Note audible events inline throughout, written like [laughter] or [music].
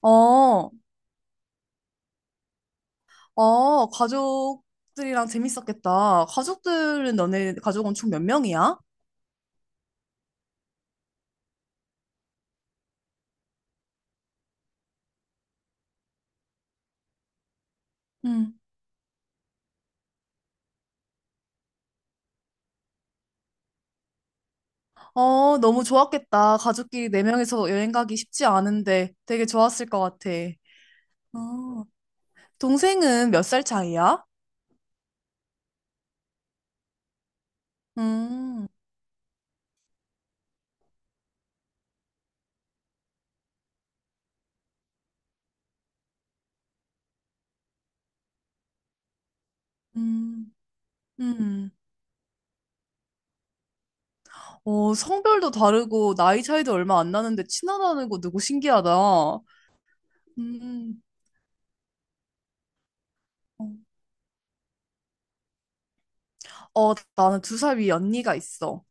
어, 어, 가족들이랑 재밌었겠다. 가족들은 너네 가족은 총 몇 명이야? 응. 어, 너무 좋았겠다. 가족끼리 네 명이서 여행 가기 쉽지 않은데 되게 좋았을 것 같아. 어, 동생은 몇 살 차이야? 음, 음, 음. 어, 성별도 다르고 나이 차이도 얼마 안 나는데 친하다는 거 누구 신기하다. 음. 어, 나는 2살 위 언니가 있어.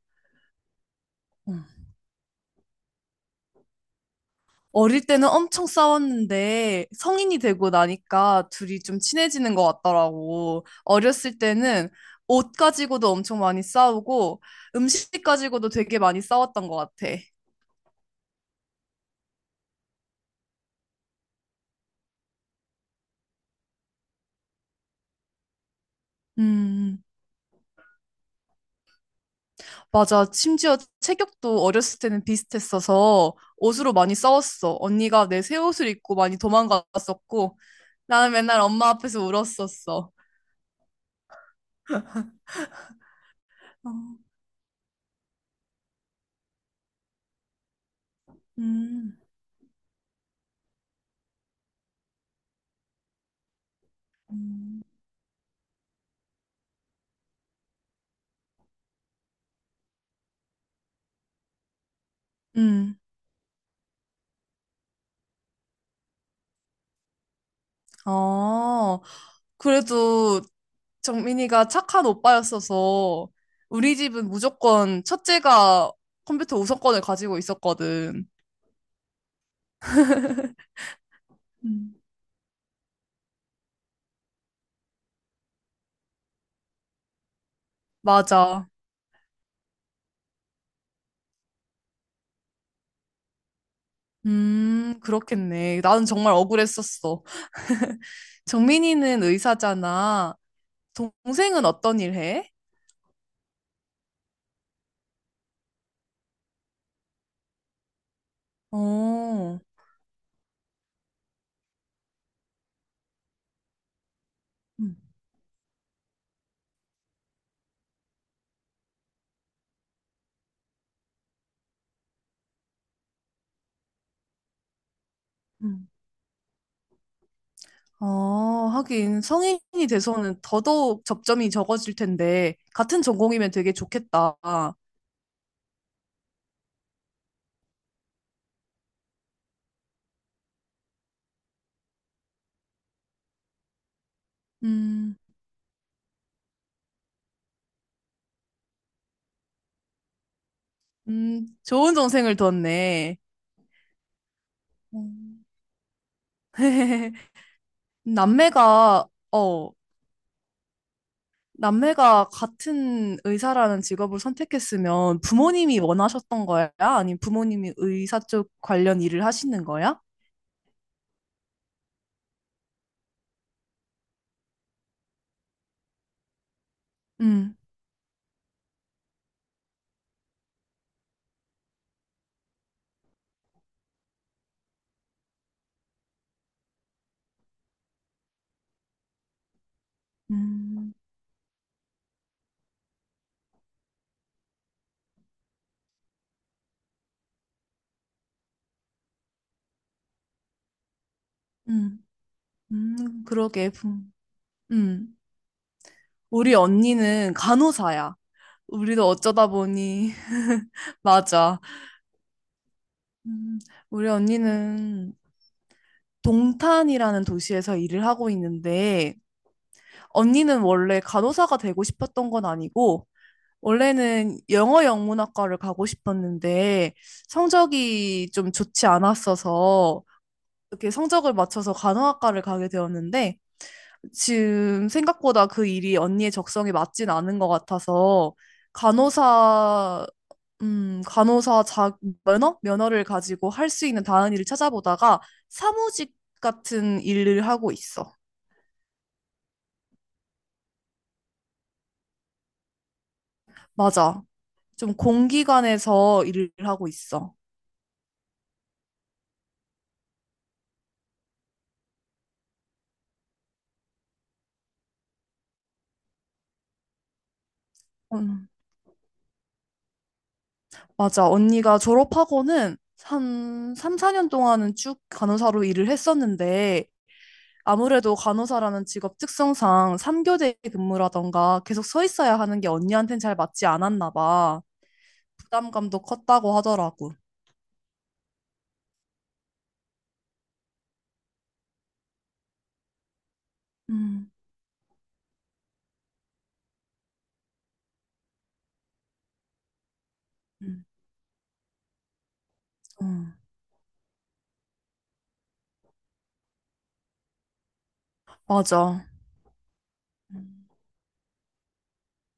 어릴 때는 엄청 싸웠는데 성인이 되고 나니까 둘이 좀 친해지는 것 같더라고. 어렸을 때는 옷 가지고도 엄청 많이 싸우고 음식 가지고도 되게 많이 싸웠던 것 같아. 음, 맞아. 심지어 체격도 어렸을 때는 비슷했어서 옷으로 많이 싸웠어. 언니가 내 새 옷을 입고 많이 도망갔었고 나는 맨날 엄마 앞에서 울었었어. 어, 음, 음, 음. 아, 그래도 정민이가 착한 오빠였어서 우리 집은 무조건 첫째가 컴퓨터 우선권을 가지고 있었거든. 음. 맞아. 그렇겠네. 나는 정말 억울했었어. [laughs] 정민이는 의사잖아. 동생은 어떤 일 해? 어, 음, 음. 어, 하긴 성인이 돼서는 더더욱 접점이 적어질 텐데 같은 전공이면 되게 좋겠다. 음. 좋은 동생을 뒀네. [laughs] 남매가, 어, 남매가 같은 의사라는 직업을 선택했으면 부모님이 원하셨던 거야? 아니면 부모님이 의사 쪽 관련 일을 하시는 거야? 음, 음, 음, 그러게. 음. 우리 언니는 간호사야. 우리도 어쩌다 보니, [laughs] 맞아. 음, 우리 언니는 동탄이라는 도시에서 일을 하고 있는데, 언니는 원래 간호사가 되고 싶었던 건 아니고, 원래는 영어 영문학과를 가고 싶었는데 성적이 좀 좋지 않았어서 이렇게 성적을 맞춰서 간호학과를 가게 되었는데 지금 생각보다 그 일이 언니의 적성에 맞진 않은 것 같아서 간호사 간호사 자 면허 면허를 가지고 할 수 있는 다른 일을 찾아보다가 사무직 같은 일을 하고 있어. 맞아. 좀 공기관에서 일을 하고 있어. 음. 맞아. 언니가 졸업하고는 한 3, 4년 동안은 쭉 간호사로 일을 했었는데 아무래도 간호사라는 직업 특성상 3교대 근무라던가 계속 서 있어야 하는 게 언니한텐 잘 맞지 않았나 봐. 부담감도 컸다고 하더라고. 음, 음, 음. 맞아. 음,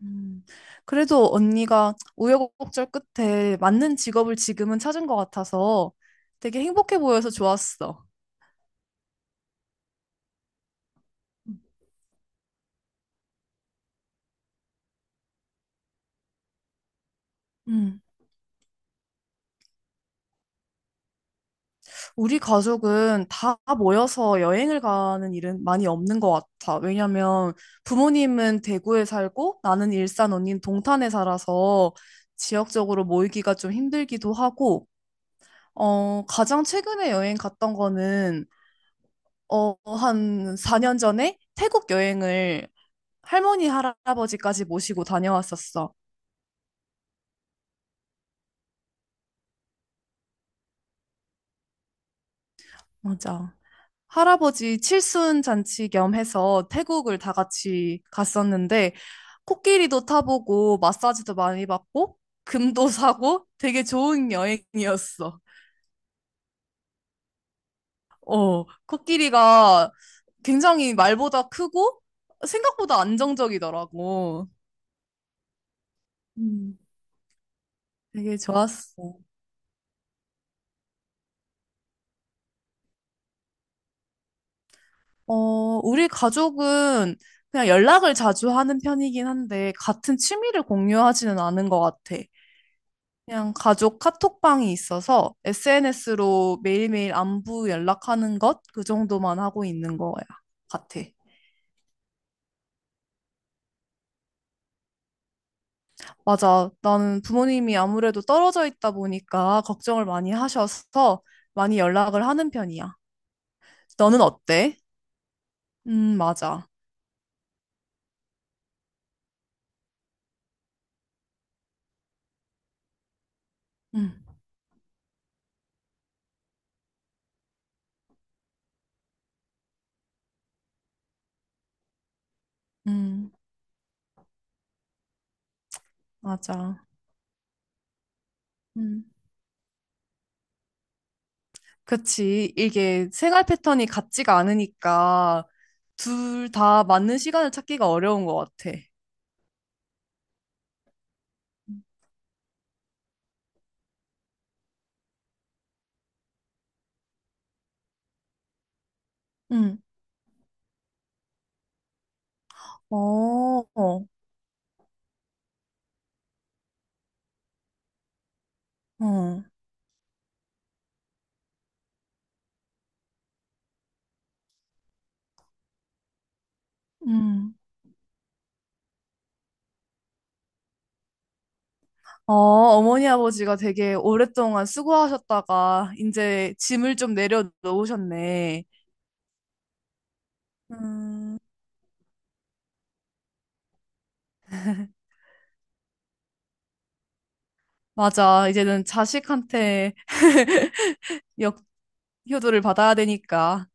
음. 그래도 언니가 우여곡절 끝에 맞는 직업을 지금은 찾은 것 같아서 되게 행복해 보여서 좋았어. 음. 우리 가족은 다 모여서 여행을 가는 일은 많이 없는 것 같아. 왜냐면 부모님은 대구에 살고 나는 일산 언니는 동탄에 살아서 지역적으로 모이기가 좀 힘들기도 하고, 어, 가장 최근에 여행 갔던 거는, 어, 한 4년 전에 태국 여행을 할머니, 할아버지까지 모시고 다녀왔었어. 맞아. 할아버지 70순 잔치 겸 해서 태국을 다 같이 갔었는데 코끼리도 타보고 마사지도 많이 받고 금도 [laughs] 사고 되게 좋은 여행이었어. 어, 코끼리가 굉장히 말보다 크고 생각보다 안정적이더라고. 음. 되게 좋았어. 어, 우리 가족은 그냥 연락을 자주 하는 편이긴 한데 같은 취미를 공유하지는 않은 것 같아. 그냥 가족 카톡방이 있어서 SNS로 매일매일 안부 연락하는 것? 그 정도만 하고 있는 거야, 같아. 맞아. 나는 부모님이 아무래도 떨어져 있다 보니까 걱정을 많이 하셔서 많이 연락을 하는 편이야. 너는 어때? 맞아. 음, 음, 맞아. 음. 그치. 이게 생활 패턴이 같지가 않으니까 둘 다 맞는 시간을 찾기가 어려운 것 같아. 응. 어, 어, 어. 음. 어, 어머니 아버지가 되게 오랫동안 수고하셨다가 이제 짐을 좀 내려놓으셨네. 음. 맞아. 이제는 자식한테 [laughs] 역효도를 받아야 되니까.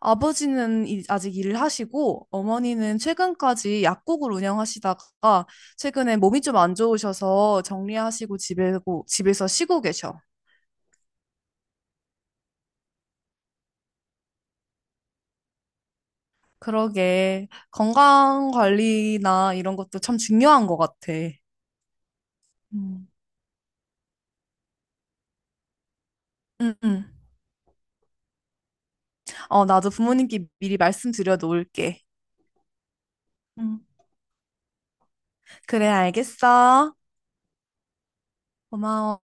아버지는 아직 일을 하시고 어머니는 최근까지 약국을 운영하시다가 최근에 몸이 좀 안 좋으셔서 정리하시고 집에고 집에서 쉬고 계셔. 그러게 건강 관리나 이런 것도 참 중요한 것 같아. 음. 응, 응. 어, 나도 부모님께 미리 말씀드려 놓을게. 응. 그래, 알겠어. 고마워.